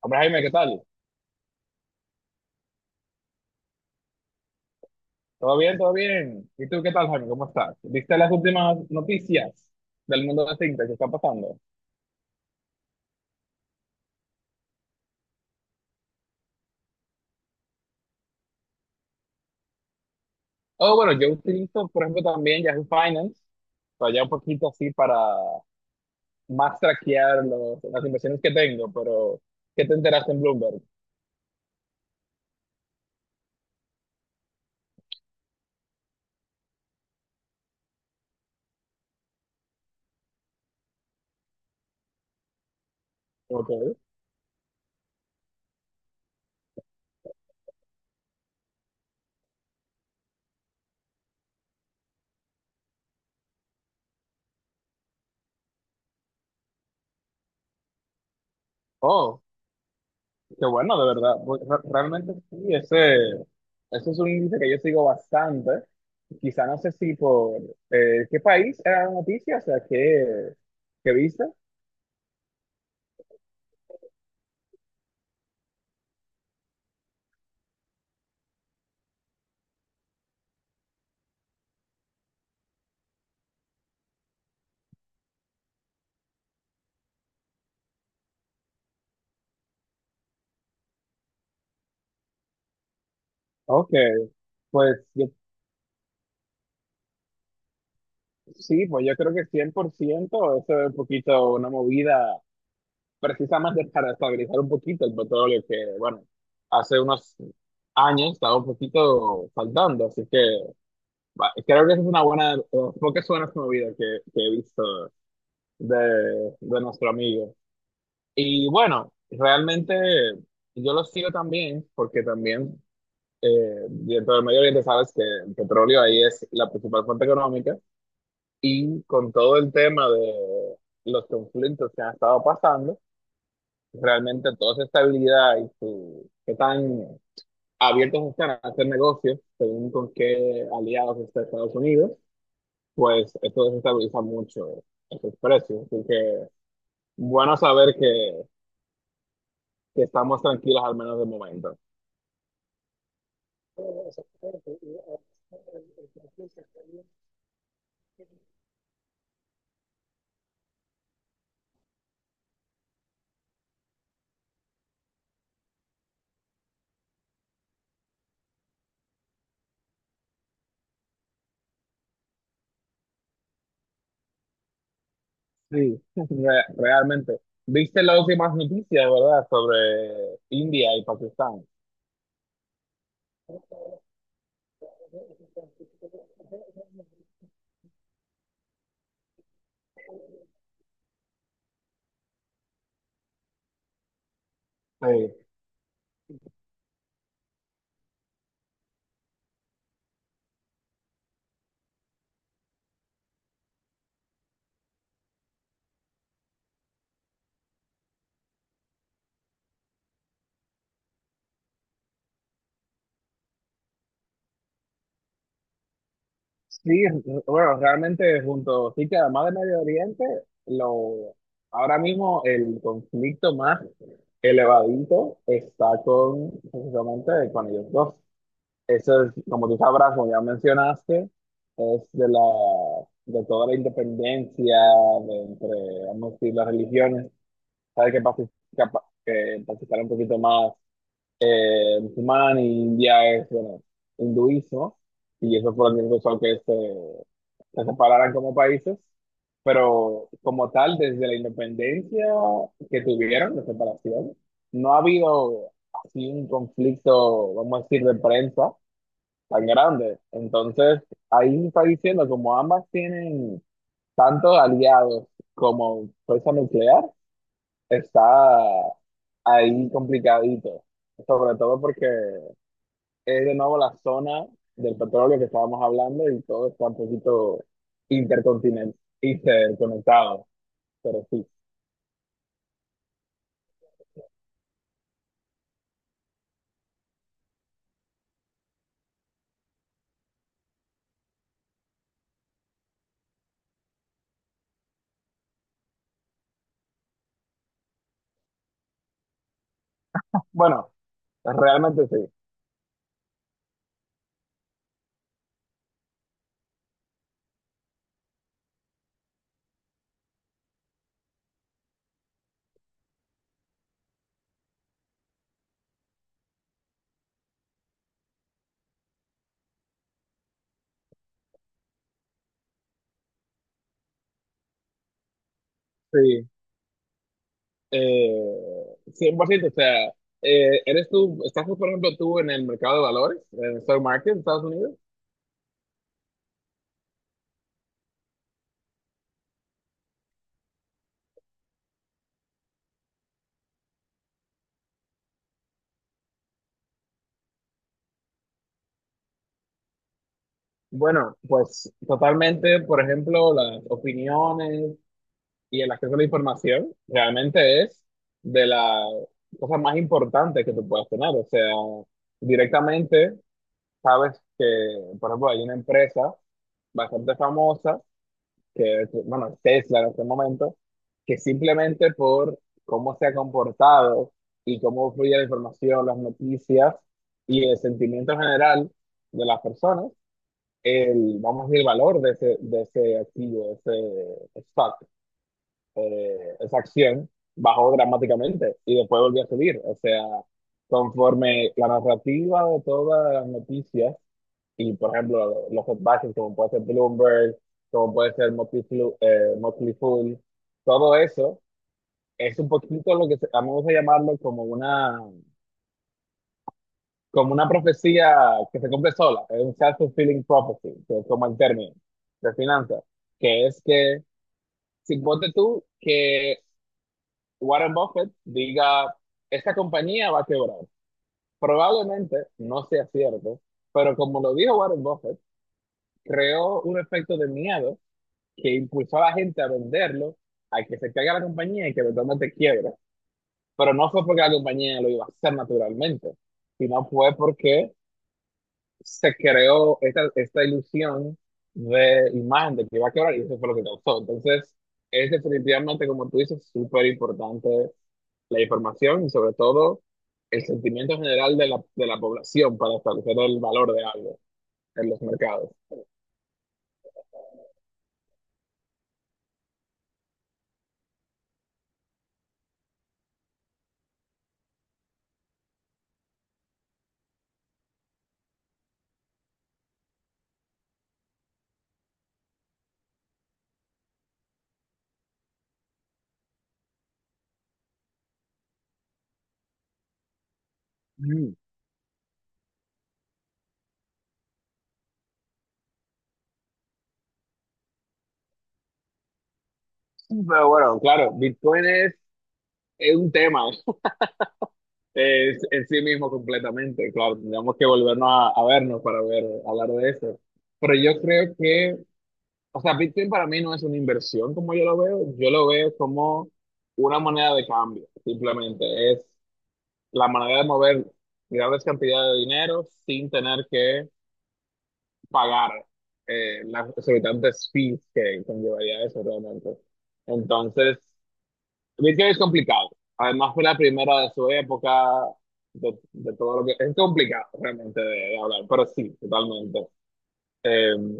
Hombre, Jaime, ¿qué tal? ¿Todo bien? ¿Todo bien? ¿Y tú qué tal, Jaime? ¿Cómo estás? ¿Viste las últimas noticias del mundo de fintech que está pasando? Oh, bueno, yo utilizo, por ejemplo, también Yahoo Finance, para ya un poquito así para más traquear las inversiones que tengo, pero ¿qué te enteraste en Bloomberg? Ok. Oh, qué bueno, de verdad. Pues, realmente sí, ese es un índice que yo sigo bastante. Quizá no sé si por qué país era la noticia, o sea, qué viste. Ok, pues yo, sí, pues yo creo que 100% eso es un poquito una movida precisa más de para estabilizar un poquito el petróleo que, bueno, hace unos años estaba un poquito faltando, así que va, creo que esa es una buena, de las pocas buenas movidas que he visto de, de nuestro amigo. Y bueno, realmente yo lo sigo también, porque también eh, dentro del Medio Oriente sabes que el petróleo ahí es la principal fuente económica y con todo el tema de los conflictos que han estado pasando, realmente toda esa estabilidad y su, qué tan abiertos están a hacer negocios según con qué aliados está Estados Unidos, pues esto desestabiliza mucho esos precios. Así que bueno saber que estamos tranquilos al menos de momento. Sí, realmente. ¿Viste las últimas noticias, verdad, sobre India y Pakistán? Sí, sí, bueno, realmente junto, sí que además de Medio Oriente, lo, ahora mismo el conflicto más elevadito está con, precisamente, con ellos dos. Eso es, como tú sabrás, como ya mencionaste, es de la, de toda la independencia de entre, vamos a decir, las religiones. Sabes que, que, que Pakistán es un poquito más musulmán y India es, bueno, hinduismo. Y eso fue lo que causó que se separaran como países. Pero como tal, desde la independencia que tuvieron, la separación, no ha habido así un conflicto, vamos a decir, de prensa tan grande. Entonces, ahí está diciendo, como ambas tienen tantos aliados como fuerza nuclear, está ahí complicadito. Sobre todo porque es de nuevo la zona del petróleo que estábamos hablando y todo está un poquito intercontinental, interconectado. Pero sí. Bueno, realmente sí. Sí. 100%, o sea, ¿eres tú, estás por ejemplo tú en el mercado de valores, en el stock market de Estados Unidos? Bueno, pues totalmente, por ejemplo, las opiniones y el acceso a la información realmente es de las cosas más importantes que tú puedas tener. O sea, directamente sabes que, por ejemplo, hay una empresa bastante famosa, que, que, bueno, es Tesla en este momento, que simplemente por cómo se ha comportado y cómo fluye la información, las noticias y el sentimiento general de las personas, el, vamos a decir, valor de de ese activo, de ese stock, esa acción, bajó dramáticamente y después volvió a subir. O sea, conforme la narrativa de todas las noticias, y por ejemplo, los headbacks como puede ser Bloomberg, como puede ser Motley Fool, todo eso es un poquito lo que vamos a llamarlo como una profecía que se cumple sola, es un self-fulfilling prophecy, que es como el término de finanzas, que es que, si ponte tú que Warren Buffett diga, esta compañía va a quebrar, probablemente no sea cierto, pero como lo dijo Warren Buffett, creó un efecto de miedo que impulsó a la gente a venderlo, a que se caiga la compañía y que eventualmente quiebra, pero no fue porque la compañía lo iba a hacer naturalmente, sino fue porque se creó esta ilusión de imagen de que iba a quebrar y eso fue lo que causó. Entonces, es definitivamente, como tú dices, súper importante la información y sobre todo el sentimiento general de de la población para establecer el valor de algo en los mercados. Mm. Pero bueno, claro, es un tema, es en sí mismo completamente, claro, tendríamos que volvernos a vernos para ver, hablar de eso. Pero yo creo que... O sea, Bitcoin para mí no es una inversión como yo lo veo como una moneda de cambio, simplemente es la manera de mover grandes cantidades de dinero sin tener que pagar las exorbitantes fees que conllevaría eso realmente. Entonces, Bitcoin es complicado. Además fue la primera de su época, de todo lo que... Es complicado realmente de hablar, pero sí, totalmente. Em,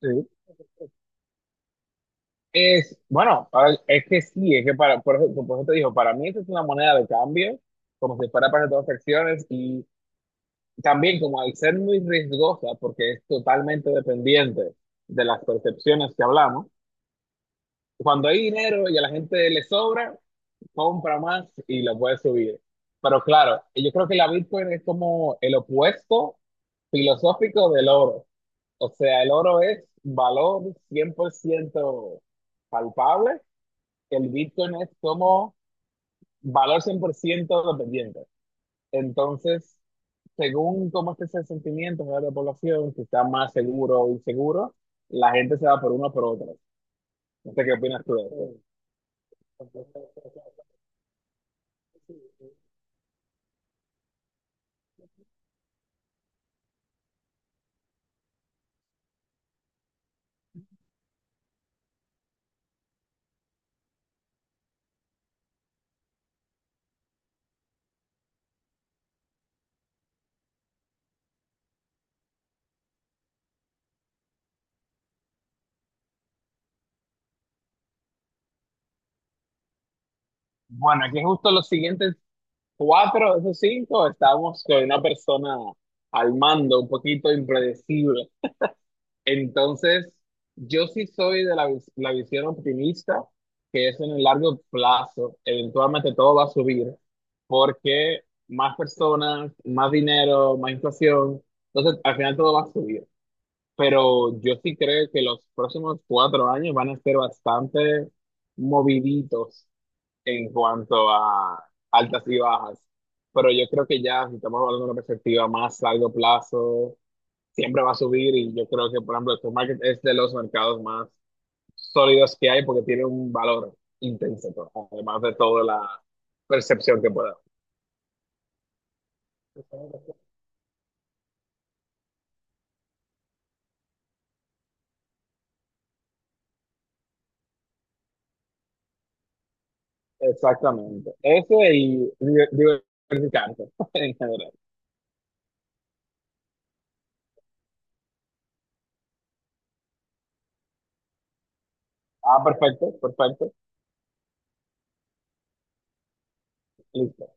Sí, Es, bueno, es que sí, es que para, por eso te digo, para mí eso es una moneda de cambio, como si fuera para transacciones y también como al ser muy riesgosa, porque es totalmente dependiente de las percepciones que hablamos, cuando hay dinero y a la gente le sobra, compra más y lo puede subir. Pero claro, yo creo que la Bitcoin es como el opuesto filosófico del oro. O sea, el oro es valor 100% palpable, el Bitcoin es como valor 100% dependiente. Entonces, según cómo esté ese sentimiento de la población, si está más seguro o inseguro, la gente se va por uno o por otro. No sé qué opinas tú de eso. Bueno, aquí justo los siguientes cuatro de esos cinco estamos con una persona al mando, un poquito impredecible. Entonces, yo sí soy de la visión optimista, que es en el largo plazo, eventualmente todo va a subir, porque más personas, más dinero, más inflación, entonces al final todo va a subir. Pero yo sí creo que los próximos 4 años van a ser bastante moviditos en cuanto a altas y bajas. Pero yo creo que ya, si estamos hablando de una perspectiva más largo plazo, siempre va a subir y yo creo que, por ejemplo, el stock market es de los mercados más sólidos que hay porque tiene un valor intrínseco, además de toda la percepción que pueda. Exactamente. Ese y diversificarse en general. Ah, perfecto, perfecto. Listo.